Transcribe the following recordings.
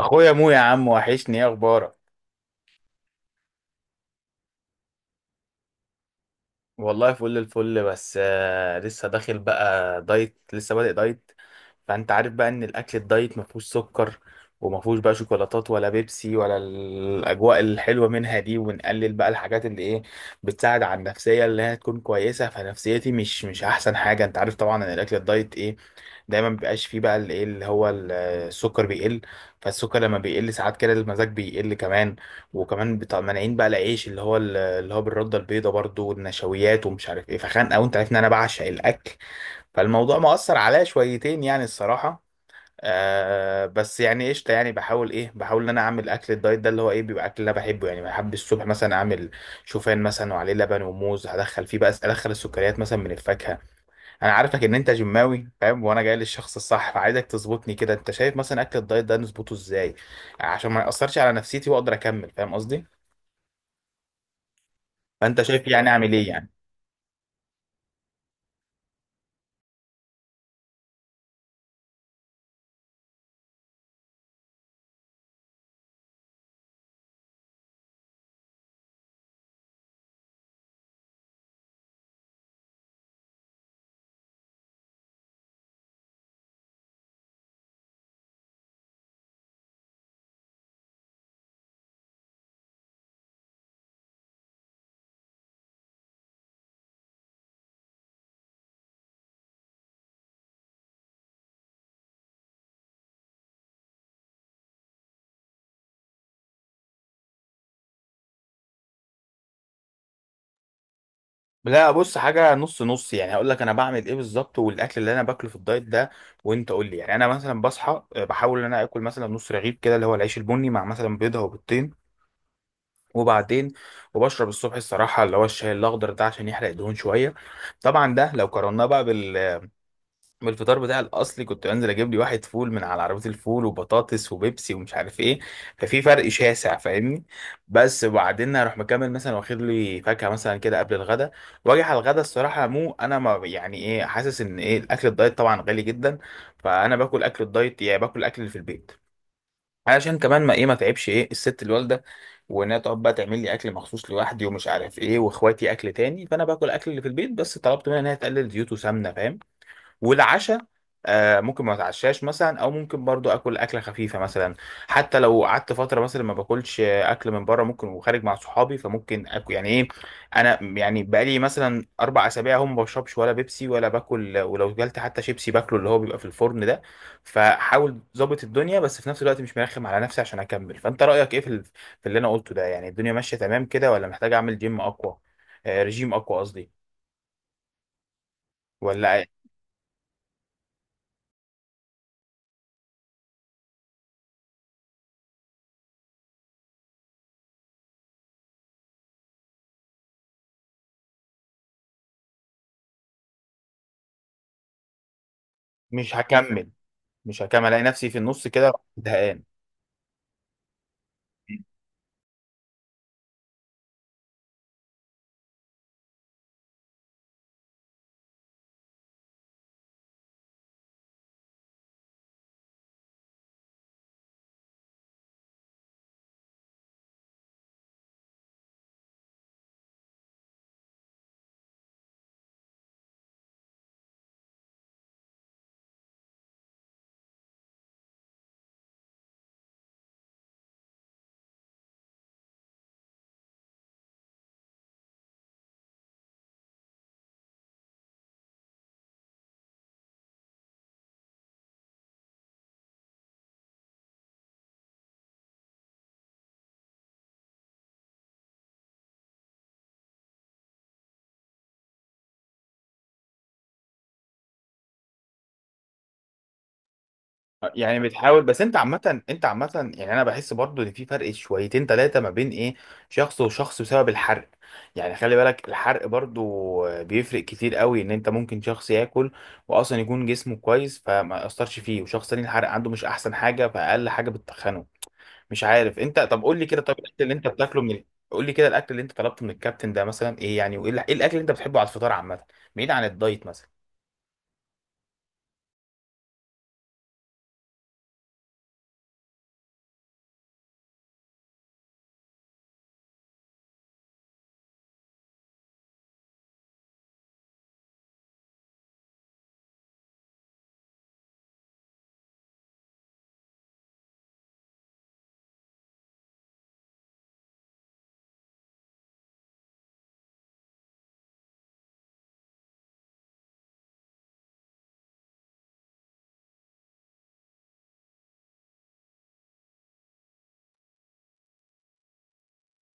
اخويا مو يا عم، وحشني، ايه اخبارك؟ والله فل الفل، بس لسه داخل بقى دايت، لسه بادئ دايت. فانت عارف بقى ان الاكل الدايت ما فيهوش سكر، وما فيهوش بقى شوكولاتات ولا بيبسي ولا الاجواء الحلوه منها دي، ونقلل بقى الحاجات اللي ايه بتساعد على النفسيه اللي هي تكون كويسه. فنفسيتي مش احسن حاجه. انت عارف طبعا ان الاكل الدايت ايه، دايما مبيبقاش فيه بقى الايه اللي هو السكر بيقل. فالسكر لما بيقل ساعات كده المزاج بيقل كمان. وكمان مانعين بقى العيش اللي هو بالردة البيضاء برضو والنشويات ومش عارف ايه، فخانقة. وانت عارف ان انا بعشق الاكل، فالموضوع مأثر عليا شويتين يعني الصراحة. بس يعني قشطة، يعني بحاول، بحاول ان انا اعمل اكل الدايت ده، اللي هو ايه، بيبقى اكل اللي انا بحبه. يعني بحب الصبح مثلا اعمل شوفان مثلا، وعليه لبن وموز، هدخل فيه بقى ادخل السكريات مثلا من الفاكهة. انا عارفك ان انت جماوي فاهم، وانا جاي للشخص الصح، فعايزك تظبطني كده. انت شايف مثلا اكل الدايت ده نظبطه ازاي عشان ما يأثرش على نفسيتي واقدر اكمل، فاهم قصدي؟ فانت شايف يعني اعمل ايه يعني؟ لا بص، حاجة نص نص. يعني هقول لك انا بعمل ايه بالظبط والاكل اللي انا باكله في الدايت ده، وانت قول لي. يعني انا مثلا بصحى، بحاول ان انا اكل مثلا نص رغيف كده اللي هو العيش البني، مع مثلا بيضة وبيضتين. وبعدين وبشرب الصبح الصراحة اللي هو الشاي الاخضر ده عشان يحرق الدهون شوية. طبعا ده لو قارناه بقى بالفطار بتاعي الاصلي، كنت بنزل اجيب لي واحد فول من على عربيه الفول، وبطاطس، وبيبسي، ومش عارف ايه. ففي فرق شاسع، فاهمني. بس وبعدين اروح مكمل مثلا واخد لي فاكهه مثلا كده قبل الغدا. واجي على الغدا الصراحه، مو انا ما يعني ايه، حاسس ان ايه، الاكل الدايت طبعا غالي جدا، فانا باكل اكل الدايت يعني باكل الاكل اللي في البيت، علشان كمان ما ايه ما تعبش ايه الست الوالده، وانها تقعد بقى تعمل لي اكل مخصوص لوحدي ومش عارف ايه، واخواتي اكل تاني. فانا باكل اكل اللي في البيت، بس طلبت منها ان هي تقلل زيوت وسمنه، فاهم. والعشاء ممكن ما اتعشاش مثلا، او ممكن برضو اكل اكله خفيفه مثلا. حتى لو قعدت فتره مثلا ما باكلش اكل من بره، ممكن وخارج مع صحابي فممكن اكل يعني ايه. انا يعني بقالي مثلا 4 اسابيع هم ما بشربش ولا بيبسي ولا باكل، ولو جالت حتى شيبسي باكله اللي هو بيبقى في الفرن ده. فحاول ظابط الدنيا، بس في نفس الوقت مش مرخم على نفسي عشان اكمل. فانت رايك ايه في في اللي انا قلته ده؟ يعني الدنيا ماشيه تمام كده ولا محتاج اعمل جيم اقوى، آه، رجيم اقوى قصدي، ولا؟ مش هكمل مش هكمل، الاقي نفسي في النص كده زهقان. يعني بتحاول، بس انت عامة، يعني انا بحس برضو ان في فرق شويتين تلاتة ما بين ايه، شخص وشخص، بسبب الحرق. يعني خلي بالك الحرق برضو بيفرق كتير قوي. ان انت ممكن شخص ياكل واصلا يكون جسمه كويس فما يأثرش فيه، وشخص تاني الحرق عنده مش احسن حاجة، فاقل حاجة بتتخنه. مش عارف انت، طب قول لي كده، طب الاكل اللي انت بتاكله من قول لي كده، الاكل اللي انت طلبته من الكابتن ده مثلا ايه يعني، وايه ايه الاكل اللي انت بتحبه على الفطار عامة، بعيد عن الدايت مثلا؟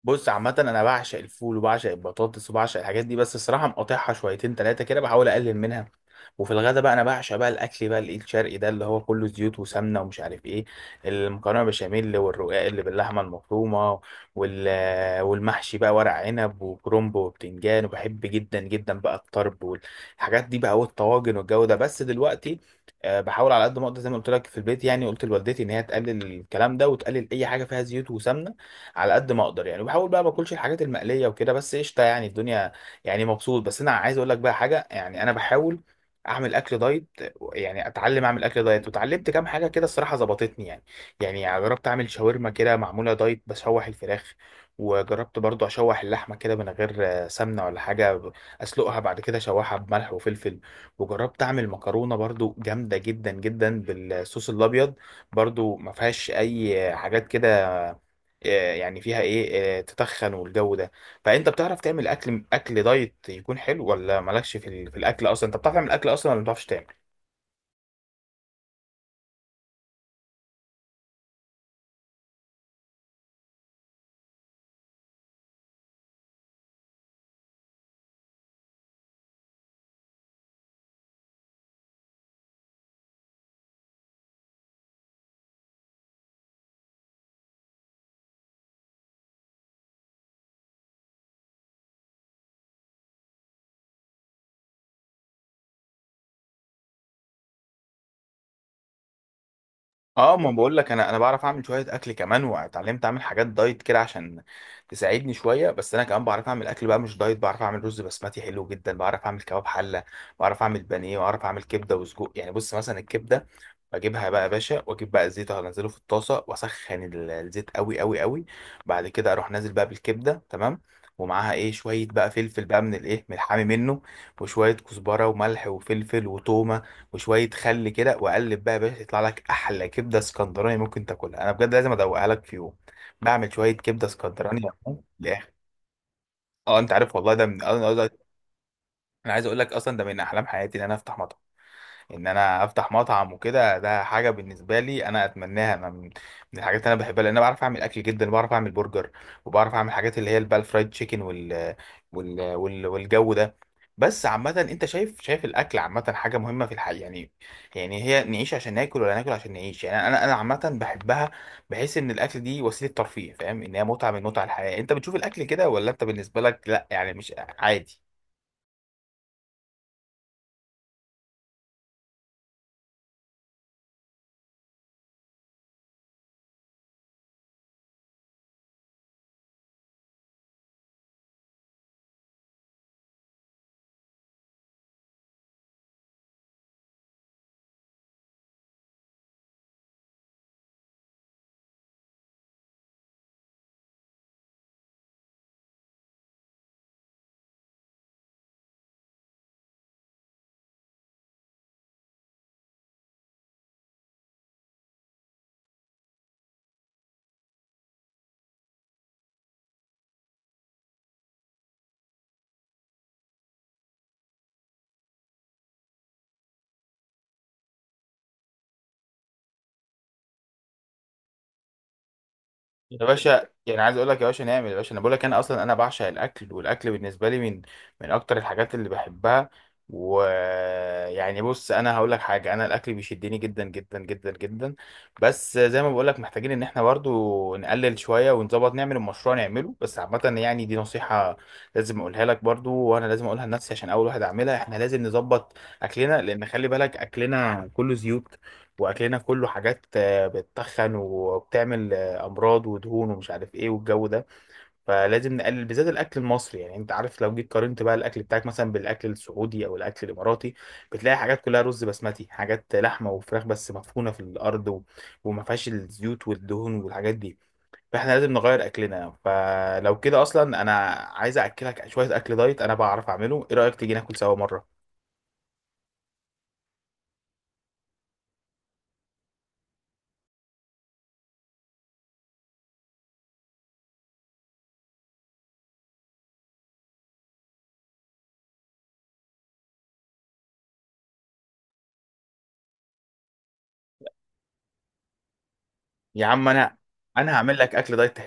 بص، عامة أنا بعشق الفول وبعشق البطاطس وبعشق الحاجات دي، بس الصراحة مقاطعها شويتين تلاتة كده، بحاول أقلل منها. وفي الغدا بقى أنا بعشق بقى الأكل بقى الإيد الشرقي ده اللي هو كله زيوت وسمنة ومش عارف إيه، المكرونة بشاميل، والرقاق اللي باللحمة المفرومة، وال... والمحشي بقى، ورق عنب وكرنب وبتنجان، وبحب جدا جدا بقى الطرب والحاجات دي بقى، والطواجن والجو ده. بس دلوقتي بحاول على قد ما أقدر، زي ما قلت لك، في البيت يعني قلت لوالدتي إن هي تقلل الكلام ده وتقلل أي حاجة فيها زيوت وسمنة، على قد ما اقدر يعني. وبحاول بقى ما اكلش الحاجات المقليه وكده. بس قشطه يعني الدنيا، يعني مبسوط. بس انا عايز اقول لك بقى حاجه، يعني انا بحاول اعمل اكل دايت، يعني اتعلم اعمل اكل دايت، وتعلمت كام حاجه كده الصراحه ظبطتني يعني. يعني جربت اعمل شاورما كده معموله دايت، بشوح الفراخ. وجربت برضو اشوح اللحمه كده من غير سمنه ولا حاجه، اسلقها بعد كده اشوحها بملح وفلفل. وجربت اعمل مكرونه برضو جامده جدا جدا بالصوص الابيض، برضو ما فيهاش اي حاجات كده، يعني فيها ايه، تتخن والجو ده. فانت بتعرف تعمل اكل، دايت يكون حلو، ولا مالكش في الاكل اصلا؟ انت بتعرف تعمل اكل اصلا ولا ما بتعرفش تعمل؟ اه، ما بقول لك انا بعرف اعمل شويه اكل، كمان واتعلمت اعمل حاجات دايت كده عشان تساعدني شويه. بس انا كمان بعرف اعمل اكل بقى مش دايت، بعرف اعمل رز بسمتي حلو جدا، بعرف اعمل كباب حله، بعرف اعمل بانيه، بعرف اعمل كبده وسجق. يعني بص مثلا الكبده، بجيبها بقى يا باشا، واجيب بقى الزيت انزله في الطاسه واسخن الزيت قوي قوي قوي. بعد كده اروح نازل بقى بالكبده تمام، ومعاها ايه شويه بقى فلفل بقى من الايه، من الحامي منه، وشويه كزبره وملح وفلفل وتومه، وشويه خل كده، وقلب بقى يا باشا، يطلع لك احلى كبده اسكندراني ممكن تاكلها. انا بجد لازم ادوقها لك في يوم، بعمل شويه كبده اسكندراني يا عم، لاخر. اه انت عارف والله، ده من انا، أنا عايز اقول لك اصلا ده من احلام حياتي ان انا افتح مطعم. وكده، ده حاجه بالنسبه لي انا اتمناها، انا من الحاجات اللي انا بحبها، لان انا بعرف اعمل اكل جدا. بعرف اعمل برجر، وبعرف اعمل حاجات اللي هي البال فرايد تشيكن، والجو ده. بس عامه انت شايف، الاكل عامه حاجه مهمه في الحياه يعني؟ يعني هي نعيش عشان ناكل ولا ناكل عشان نعيش؟ يعني انا عامه بحبها، بحس ان الاكل دي وسيله ترفيه، فاهم، ان هي متعه من متع الحياه. انت بتشوف الاكل كده، ولا انت بالنسبه لك لا، يعني مش عادي؟ يا باشا يعني عايز اقول لك، يا باشا نعمل، يا باشا انا بقول لك انا اصلا، انا بعشق الاكل، والاكل بالنسبه لي من اكتر الحاجات اللي بحبها. ويعني بص انا هقول لك حاجه، انا الاكل بيشدني جدا جدا جدا جدا. بس زي ما بقول لك، محتاجين ان احنا برضو نقلل شويه ونظبط، نعمل المشروع نعمله. بس عامه يعني دي نصيحه لازم اقولها لك برضو، وانا لازم اقولها لنفسي عشان اول واحد اعملها. احنا لازم نظبط اكلنا، لان خلي بالك اكلنا كله زيوت، واكلنا كله حاجات بتتخن وبتعمل امراض ودهون ومش عارف ايه والجو ده. فلازم نقلل بالذات الاكل المصري. يعني انت عارف، لو جيت قارنت بقى الاكل بتاعك مثلا بالاكل السعودي او الاكل الاماراتي، بتلاقي حاجات كلها رز بسمتي، حاجات لحمه وفراخ بس مدفونه في الارض وما فيهاش الزيوت والدهون والحاجات دي. فاحنا لازم نغير اكلنا. فلو كده اصلا انا عايز اكلك شويه اكل دايت انا بعرف اعمله، ايه رايك تيجي ناكل سوا مره؟ يا عم انا هعمل لك اكل دايت.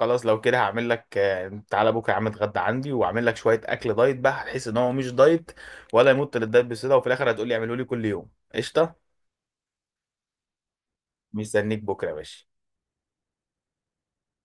خلاص لو كده هعمل لك، تعالى بكره يا عم اتغدى عندي، واعمل لك شويه اكل دايت بقى، هتحس ان هو مش دايت، ولا يمط للدايت بصله، وفي الاخر هتقول لي اعمله لي كل يوم. قشطه، مستنيك بكره يا باشا.